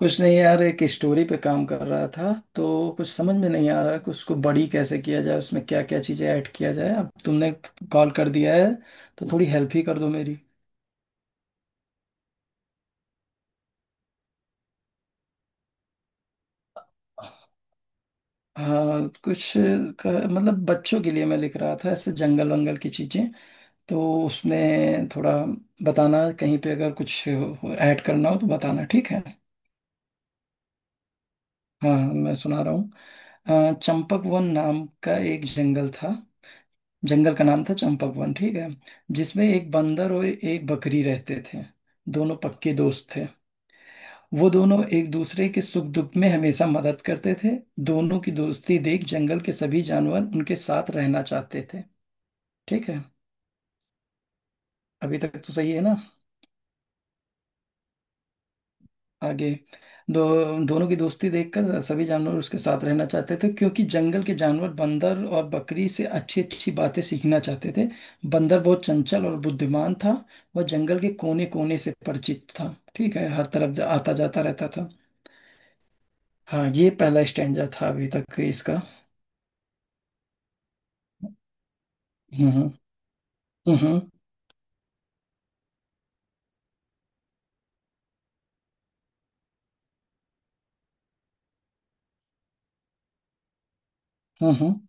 कुछ नहीं यार, एक स्टोरी पे काम कर रहा था तो कुछ समझ में नहीं आ रहा कि उसको बड़ी कैसे किया जाए, उसमें क्या क्या चीज़ें ऐड किया जाए। अब तुमने कॉल कर दिया है तो थोड़ी हेल्प ही कर दो मेरी। हाँ, मतलब बच्चों के लिए मैं लिख रहा था, ऐसे जंगल वंगल की चीज़ें। तो उसमें थोड़ा बताना, कहीं पे अगर कुछ ऐड करना हो तो बताना, ठीक है। हाँ, मैं सुना रहा हूँ। चंपक वन नाम का एक जंगल था। जंगल का नाम था चंपक वन, ठीक है। जिसमें एक बंदर और एक बकरी रहते थे। दोनों पक्के दोस्त थे। वो दोनों एक दूसरे के सुख दुख में हमेशा मदद करते थे। दोनों की दोस्ती देख जंगल के सभी जानवर उनके साथ रहना चाहते थे, ठीक है। अभी तक तो सही है ना? आगे। दो दोनों की दोस्ती देखकर सभी जानवर उसके साथ रहना चाहते थे क्योंकि जंगल के जानवर बंदर और बकरी से अच्छी अच्छी बातें सीखना चाहते थे। बंदर बहुत चंचल और बुद्धिमान था। वह जंगल के कोने कोने से परिचित था, ठीक है, हर तरफ आता जाता रहता था। हाँ, ये पहला स्टैंजा था अभी तक इसका। हम्म, हम्म, हम्म, हम्म, हम्म।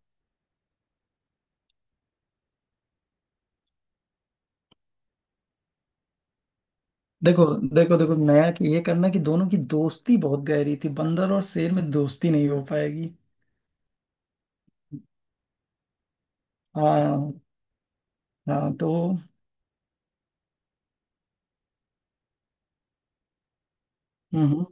देखो, देखो देखो, नया कि ये करना कि दोनों की दोस्ती बहुत गहरी थी, बंदर और शेर में दोस्ती नहीं हो पाएगी। हाँ। हाँ तो हम्म हम्म।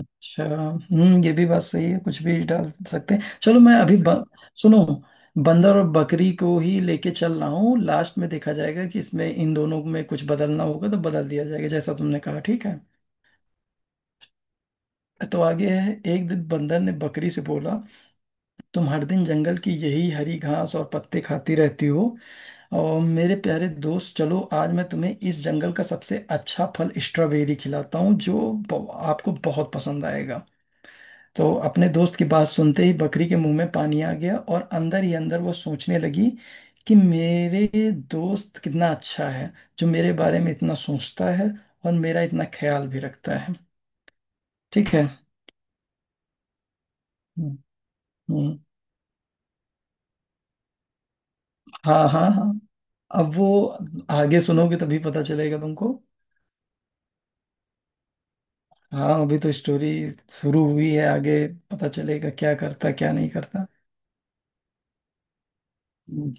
अच्छा, हम्म, ये भी बात सही है, कुछ भी डाल सकते हैं। चलो मैं अभी सुनो, बंदर और बकरी को ही लेके चल रहा हूँ। लास्ट में देखा जाएगा कि इसमें इन दोनों में कुछ बदलना होगा तो बदल दिया जाएगा, जैसा तुमने कहा, ठीक है। तो आगे है, एक दिन बंदर ने बकरी से बोला, तुम हर दिन जंगल की यही हरी घास और पत्ते खाती रहती हो, और मेरे प्यारे दोस्त चलो आज मैं तुम्हें इस जंगल का सबसे अच्छा फल स्ट्रॉबेरी खिलाता हूँ जो आपको बहुत पसंद आएगा। तो अपने दोस्त की बात सुनते ही बकरी के मुंह में पानी आ गया और अंदर ही अंदर वो सोचने लगी कि मेरे दोस्त कितना अच्छा है, जो मेरे बारे में इतना सोचता है और मेरा इतना ख्याल भी रखता है, ठीक है। हम्म, हम्म, हाँ हाँ हाँ। अब वो, आगे सुनोगे तभी पता चलेगा तुमको। हाँ, अभी तो स्टोरी शुरू हुई है। आगे पता चलेगा क्या करता क्या नहीं करता। हम्म।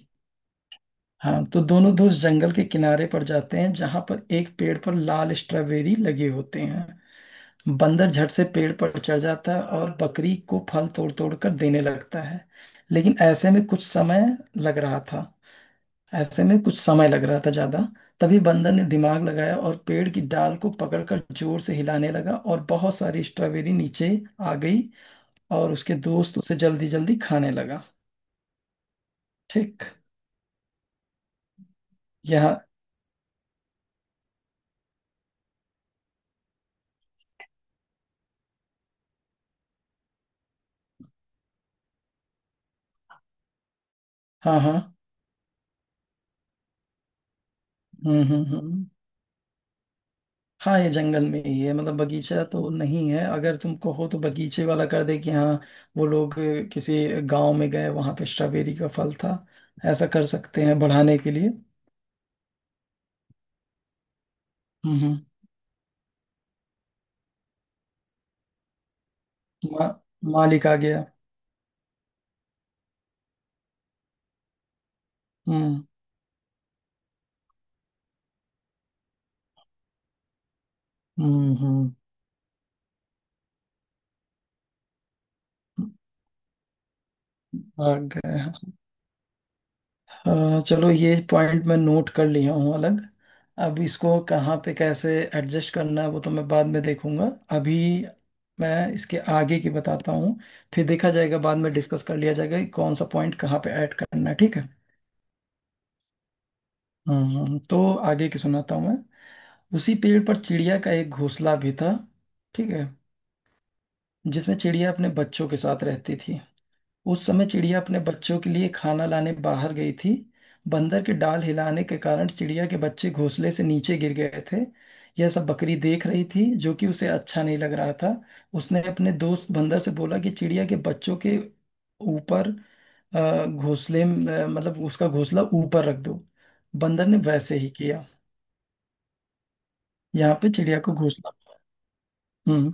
हाँ, तो दोनों दोस्त जंगल के किनारे पर जाते हैं जहां पर एक पेड़ पर लाल स्ट्रॉबेरी लगे होते हैं। बंदर झट से पेड़ पर चढ़ जाता है और बकरी को फल तोड़ तोड़ कर देने लगता है। लेकिन ऐसे में कुछ समय लग रहा था। ऐसे में कुछ समय लग रहा था ज्यादा। तभी बंदर ने दिमाग लगाया और पेड़ की डाल को पकड़कर जोर से हिलाने लगा और बहुत सारी स्ट्रॉबेरी नीचे आ गई, और उसके दोस्त उसे जल्दी जल्दी खाने लगा। ठीक। यहाँ। हाँ हाँ। हम्म, हम्म, हम्म। हाँ, ये जंगल में ही है, मतलब बगीचा तो नहीं है। अगर तुम कहो तो बगीचे वाला कर दे कि हाँ, वो लोग किसी गांव में गए, वहां पे स्ट्रॉबेरी का फल था, ऐसा कर सकते हैं बढ़ाने के लिए। हम्म हम्म। मा, मालिक आ गया। हम्म, हम्म, हम्म। भाग गए, हाँ। चलो, ये पॉइंट मैं नोट कर लिया हूँ अलग। अब इसको कहाँ पे कैसे एडजस्ट करना है वो तो मैं बाद में देखूंगा। अभी मैं इसके आगे की बताता हूँ, फिर देखा जाएगा बाद में, डिस्कस कर लिया जाएगा कि कौन सा पॉइंट कहाँ पे ऐड करना है, ठीक है। हम्म, तो आगे की सुनाता हूँ मैं। उसी पेड़ पर चिड़िया का एक घोंसला भी था, ठीक है, जिसमें चिड़िया अपने बच्चों के साथ रहती थी। उस समय चिड़िया अपने बच्चों के लिए खाना लाने बाहर गई थी। बंदर के डाल हिलाने के कारण चिड़िया के बच्चे घोंसले से नीचे गिर गए थे। यह सब बकरी देख रही थी, जो कि उसे अच्छा नहीं लग रहा था। उसने अपने दोस्त बंदर से बोला कि चिड़िया के बच्चों के ऊपर, मतलब उसका घोंसला ऊपर रख दो। बंदर ने वैसे ही किया। यहाँ पे चिड़िया को घोंसला। हम्म।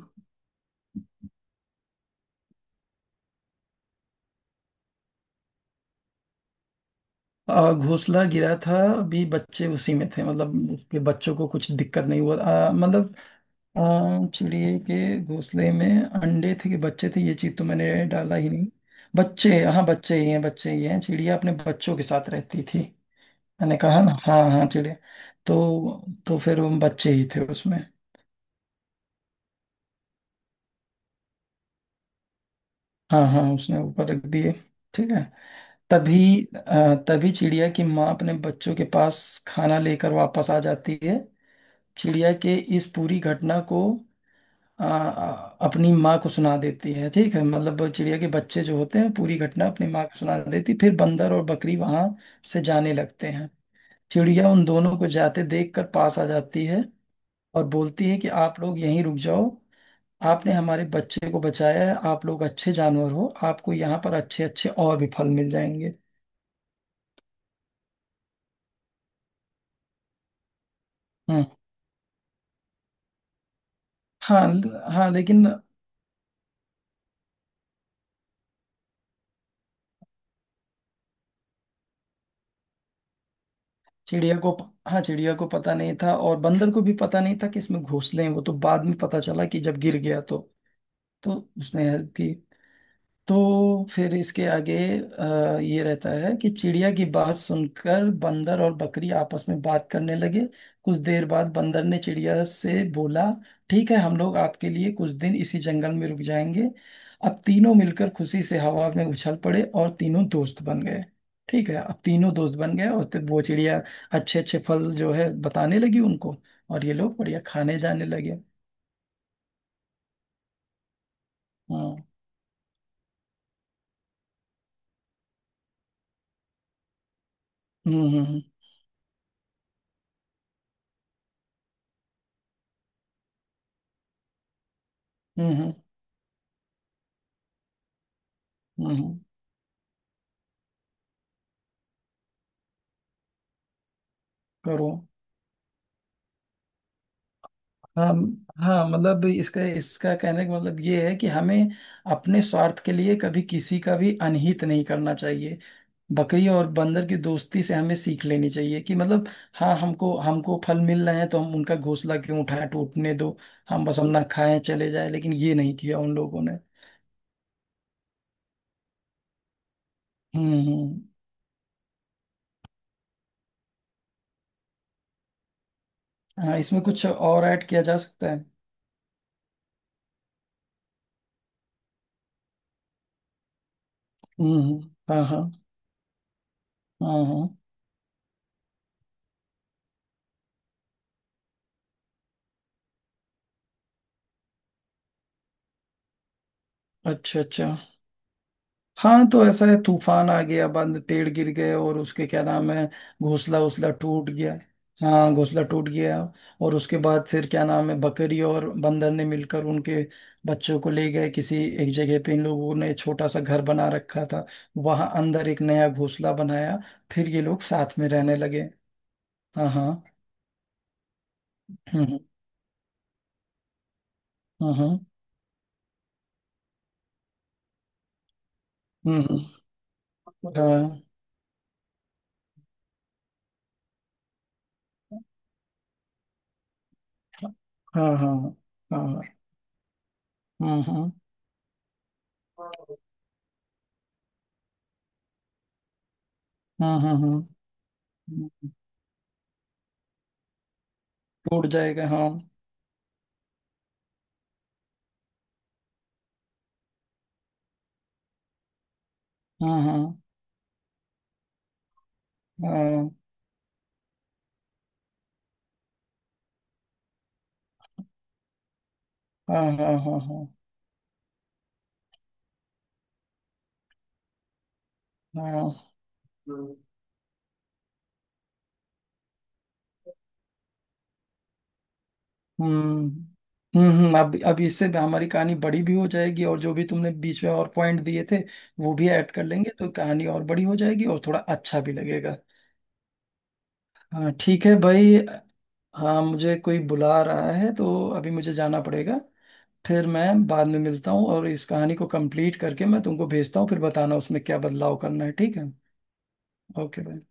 घोंसला गिरा था, अभी बच्चे उसी में थे, मतलब उसके बच्चों को कुछ दिक्कत नहीं हुआ। मतलब अ, चिड़िए के घोंसले में अंडे थे कि बच्चे थे, ये चीज तो मैंने डाला ही नहीं। बच्चे, हाँ, बच्चे ही हैं, बच्चे ही हैं, चिड़िया अपने बच्चों के साथ रहती थी। मैंने कहा ना, हाँ हाँ, चिड़िया। तो तो फिर वो बच्चे ही थे उसमें। हाँ हाँ, उसने ऊपर रख दिए, ठीक है। तभी तभी चिड़िया की माँ अपने बच्चों के पास खाना लेकर वापस आ जाती है। चिड़िया के इस पूरी घटना को आ, आ, अपनी माँ को सुना देती है, ठीक है, मतलब चिड़िया के बच्चे जो होते हैं पूरी घटना अपनी माँ को सुना देती, फिर बंदर और बकरी वहां से जाने लगते हैं। चिड़िया उन दोनों को जाते देख कर पास आ जाती है और बोलती है कि आप लोग यहीं रुक जाओ, आपने हमारे बच्चे को बचाया है, आप लोग अच्छे जानवर हो, आपको यहाँ पर अच्छे अच्छे और भी फल मिल जाएंगे। हम्म। हाँ, हाँ लेकिन चिड़िया को, हाँ, चिड़िया को पता नहीं था, और बंदर को भी पता नहीं था कि इसमें घोंसले हैं, वो तो बाद में पता चला कि जब गिर गया। तो उसने हेल्प की। तो फिर इसके आगे ये रहता है कि चिड़िया की बात सुनकर बंदर और बकरी आपस में बात करने लगे। कुछ देर बाद बंदर ने चिड़िया से बोला, ठीक है, हम लोग आपके लिए कुछ दिन इसी जंगल में रुक जाएंगे। अब तीनों मिलकर खुशी से हवा में उछल पड़े और तीनों दोस्त बन गए, ठीक है। अब तीनों दोस्त बन गए, और तो वो चिड़िया अच्छे अच्छे फल जो है बताने लगी उनको, और ये लोग बढ़िया खाने जाने लगे। हाँ। हम्म, हम्म, हम्म, हम्म, हम्म, करूँ। हाँ हाँ, मतलब इसका इसका कहने का मतलब ये है कि हमें अपने स्वार्थ के लिए कभी किसी का भी अनहित नहीं करना चाहिए। बकरी और बंदर की दोस्ती से हमें सीख लेनी चाहिए कि मतलब, हाँ, हमको हमको फल मिल रहे हैं तो हम उनका घोंसला क्यों उठाएं, टूटने दो। हम बस अपना खाएं चले जाएं, लेकिन ये नहीं किया उन लोगों ने। हम्म, हम्म, हाँ, इसमें कुछ और ऐड किया जा सकता है। हम्म, हाँ हाँ हाँ हाँ। अच्छा अच्छा। हाँ तो ऐसा है, तूफान आ गया, बंद पेड़ गिर गए, और उसके क्या नाम है, घोंसला उसला टूट गया। हाँ, घोंसला टूट गया। और उसके बाद फिर क्या नाम है, बकरी और बंदर ने मिलकर उनके बच्चों को ले गए, किसी एक जगह पे इन लोगों ने छोटा सा घर बना रखा था, वहां अंदर एक नया घोंसला बनाया, फिर ये लोग साथ में रहने लगे। हाँ हाँ। हम्म, हम्म, हम्म, हाँ हाँ हाँ हाँ। हम्म, हम्म, हम्म, हम्म, हम्म। टूट जाएगा, हाँ। हाँ हाँ हाँ हाँ हाँ हाँ हाँ हाँ। हम्म, हम्म, अब इससे हमारी कहानी बड़ी भी हो जाएगी और जो भी तुमने बीच में और पॉइंट दिए थे वो भी ऐड कर लेंगे, तो कहानी और बड़ी हो जाएगी और थोड़ा अच्छा भी लगेगा। हाँ ठीक है भाई। हाँ, मुझे कोई बुला रहा है तो अभी मुझे जाना पड़ेगा। फिर मैं बाद में मिलता हूँ, और इस कहानी को कंप्लीट करके मैं तुमको भेजता हूँ, फिर बताना उसमें क्या बदलाव करना है, ठीक है। ओके भाई।